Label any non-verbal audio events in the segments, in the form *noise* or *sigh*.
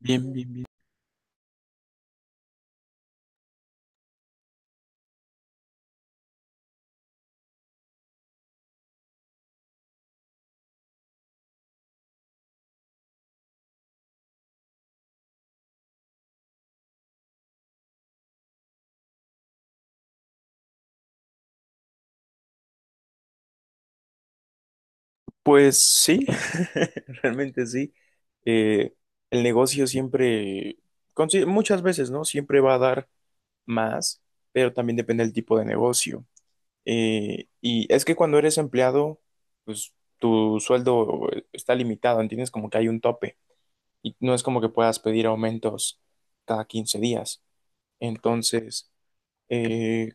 Bien, bien, bien. Pues sí, *laughs* realmente sí. Eh, el negocio siempre, muchas veces, ¿no? Siempre va a dar más, pero también depende del tipo de negocio. Y es que cuando eres empleado, pues tu sueldo está limitado, ¿entiendes? Como que hay un tope y no es como que puedas pedir aumentos cada 15 días. Entonces, eh,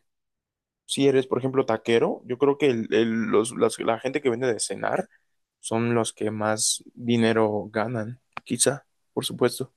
si eres, por ejemplo, taquero, yo creo que la gente que vende de cenar son los que más dinero ganan, quizá, por supuesto.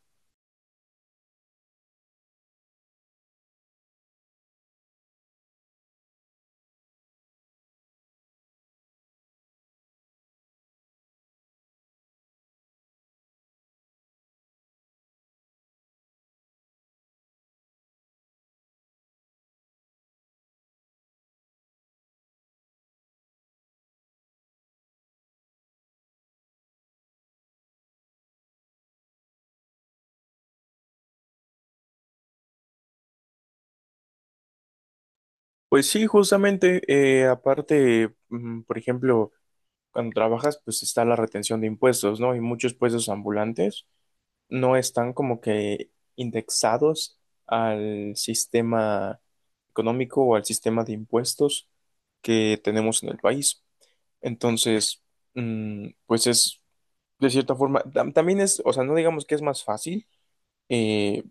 Pues sí, justamente, aparte, por ejemplo, cuando trabajas, pues está la retención de impuestos, ¿no? Y muchos puestos ambulantes no están como que indexados al sistema económico o al sistema de impuestos que tenemos en el país. Entonces, pues es de cierta forma, también es, o sea, no digamos que es más fácil, eh,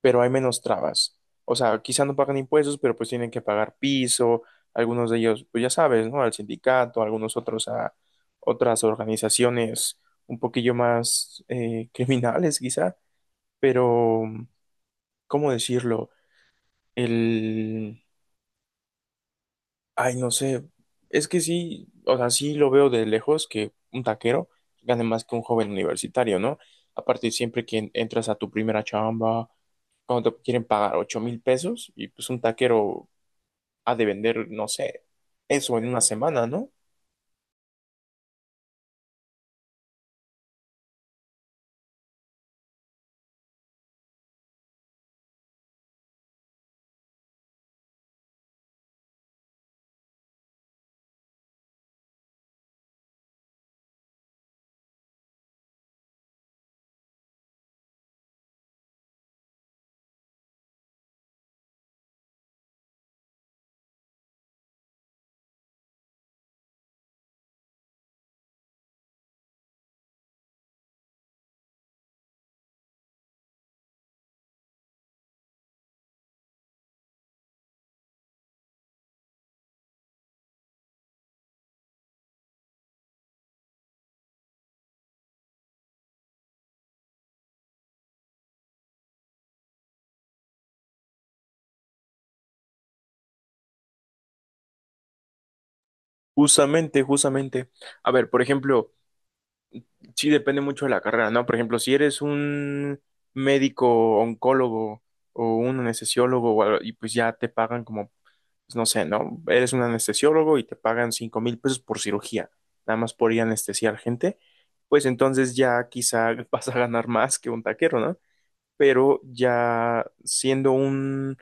pero hay menos trabas. O sea, quizá no pagan impuestos, pero pues tienen que pagar piso, algunos de ellos, pues ya sabes, ¿no? Al sindicato, algunos otros a otras organizaciones un poquillo más *laughs* criminales, quizá, pero, ¿cómo decirlo? El Ay, no sé, es que sí, o sea, sí lo veo de lejos que un taquero gane más que un joven universitario, ¿no? Aparte, siempre que entras a tu primera chamba, cuando te quieren pagar 8,000 pesos, y pues un taquero ha de vender, no sé, eso en una semana, ¿no? Justamente, justamente. A ver, por ejemplo, sí depende mucho de la carrera, ¿no? Por ejemplo, si eres un médico, oncólogo o un anestesiólogo, o algo, y pues ya te pagan como pues, no sé, ¿no? Eres un anestesiólogo y te pagan 5,000 pesos por cirugía, nada más por ir a anestesiar gente, pues entonces ya quizá *laughs* vas a ganar más que un taquero, ¿no? Pero ya siendo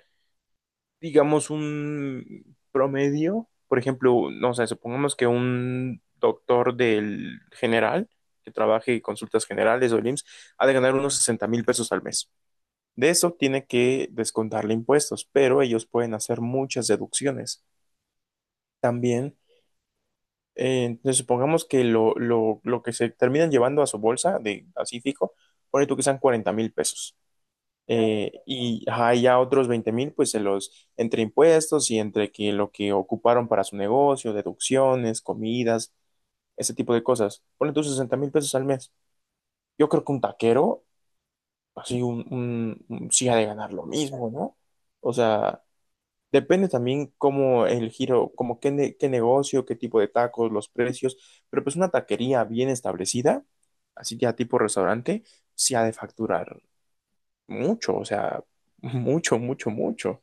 digamos, un promedio, por ejemplo, no sé, supongamos que un doctor del general que trabaje en consultas generales o el IMSS, ha de ganar unos 60,000 pesos al mes. De eso tiene que descontarle impuestos, pero ellos pueden hacer muchas deducciones. También entonces, supongamos que lo que se terminan llevando a su bolsa, de, así fijo, pone tú que sean 40,000 pesos. Y ajá, y ya otros 20,000, pues se los, entre impuestos y entre que lo que ocuparon para su negocio, deducciones, comidas, ese tipo de cosas. Pone tú 60,000 pesos al mes. Yo creo que un taquero, así, sí ha de ganar lo mismo, ¿no? O sea, depende también cómo el giro, como qué negocio, qué tipo de tacos, los precios, pero pues una taquería bien establecida, así ya tipo restaurante, sí ha de facturar mucho, o sea, *laughs* mucho, mucho, mucho.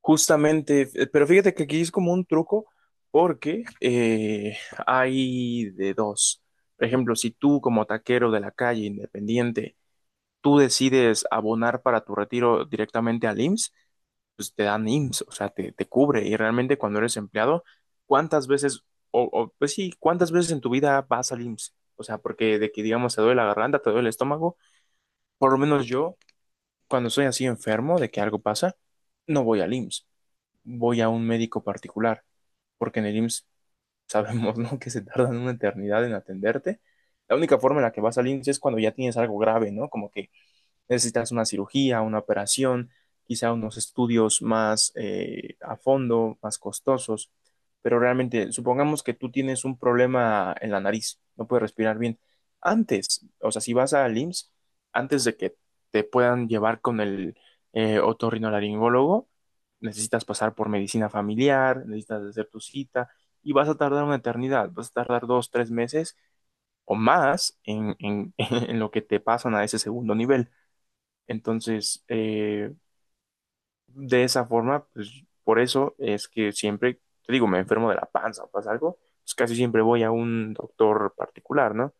Justamente, pero fíjate que aquí es como un truco porque hay de dos. Por ejemplo, si tú como taquero de la calle, independiente, tú decides abonar para tu retiro directamente al IMSS, pues te dan IMSS, o sea, te cubre. Y realmente cuando eres empleado, ¿cuántas veces, pues sí, cuántas veces en tu vida vas al IMSS? O sea, porque de que digamos te duele la garganta, te duele el estómago, por lo menos yo, cuando estoy así enfermo de que algo pasa, no voy al IMSS, voy a un médico particular, porque en el IMSS *laughs* sabemos, ¿no? que se tardan una eternidad en atenderte. La única forma en la que vas al IMSS es cuando ya tienes algo grave, ¿no? Como que necesitas una cirugía, una operación, quizá unos estudios más a fondo, más costosos, pero realmente supongamos que tú tienes un problema en la nariz, no puedes respirar bien. Antes, o sea, si vas al IMSS, antes de que te puedan llevar con el otorrinolaringólogo, necesitas pasar por medicina familiar, necesitas hacer tu cita y vas a tardar una eternidad, vas a tardar dos, tres meses o más *laughs* en lo que te pasan a ese segundo nivel. Entonces, de esa forma, pues por eso es que siempre, te digo, me enfermo de la panza o pasa algo, pues casi siempre voy a un doctor particular, ¿no?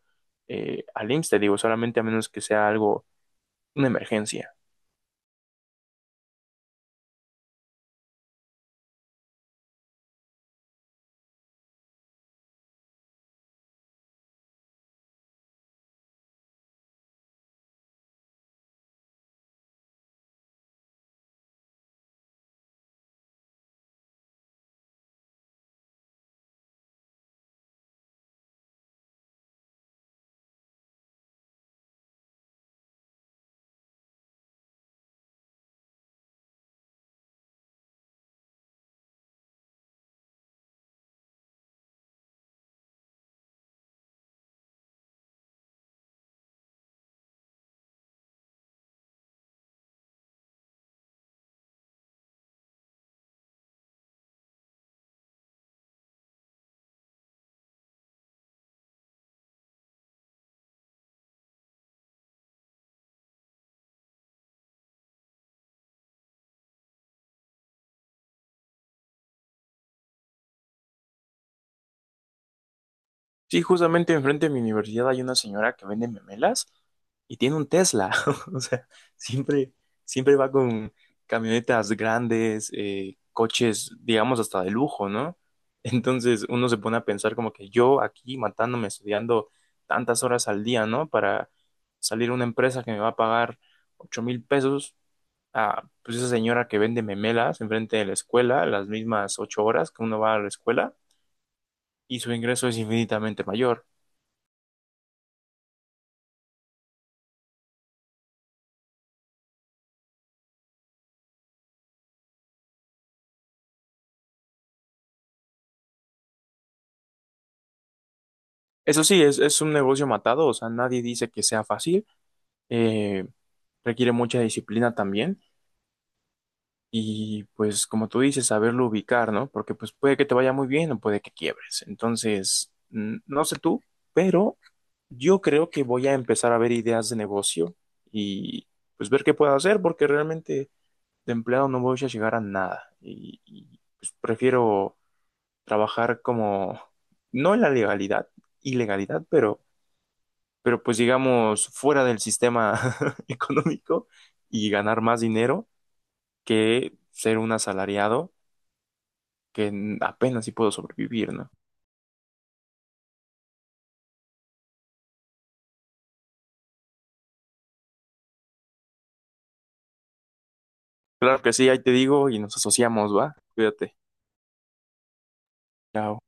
Al IMSS, te digo, solamente a menos que sea algo, una emergencia. Sí, justamente enfrente de mi universidad hay una señora que vende memelas y tiene un Tesla. *laughs* O sea, siempre, siempre va con camionetas grandes, coches, digamos, hasta de lujo, ¿no? *laughs* Entonces uno se pone a pensar como que yo aquí matándome, estudiando tantas horas al día, ¿no? Para salir a una empresa que me va a pagar 8,000 pesos a pues esa señora que vende memelas enfrente de la escuela, las mismas 8 horas que uno va a la escuela y su ingreso es infinitamente mayor. Eso sí, es un negocio matado, o sea, nadie dice que sea fácil, eh, requiere mucha disciplina también y pues como tú dices, saberlo ubicar, ¿no? Porque pues puede que te vaya muy bien o puede que quiebres. Entonces, no sé tú, pero yo creo que voy a empezar a ver ideas de negocio y pues ver qué puedo hacer porque realmente de empleado no voy a llegar a nada pues prefiero trabajar como, no en la legalidad, ilegalidad, pero pues digamos fuera del sistema *laughs* económico y ganar más dinero que ser un asalariado que apenas si puedo sobrevivir, ¿no? Claro que sí, ahí te digo y nos asociamos, ¿va? Cuídate. Chao.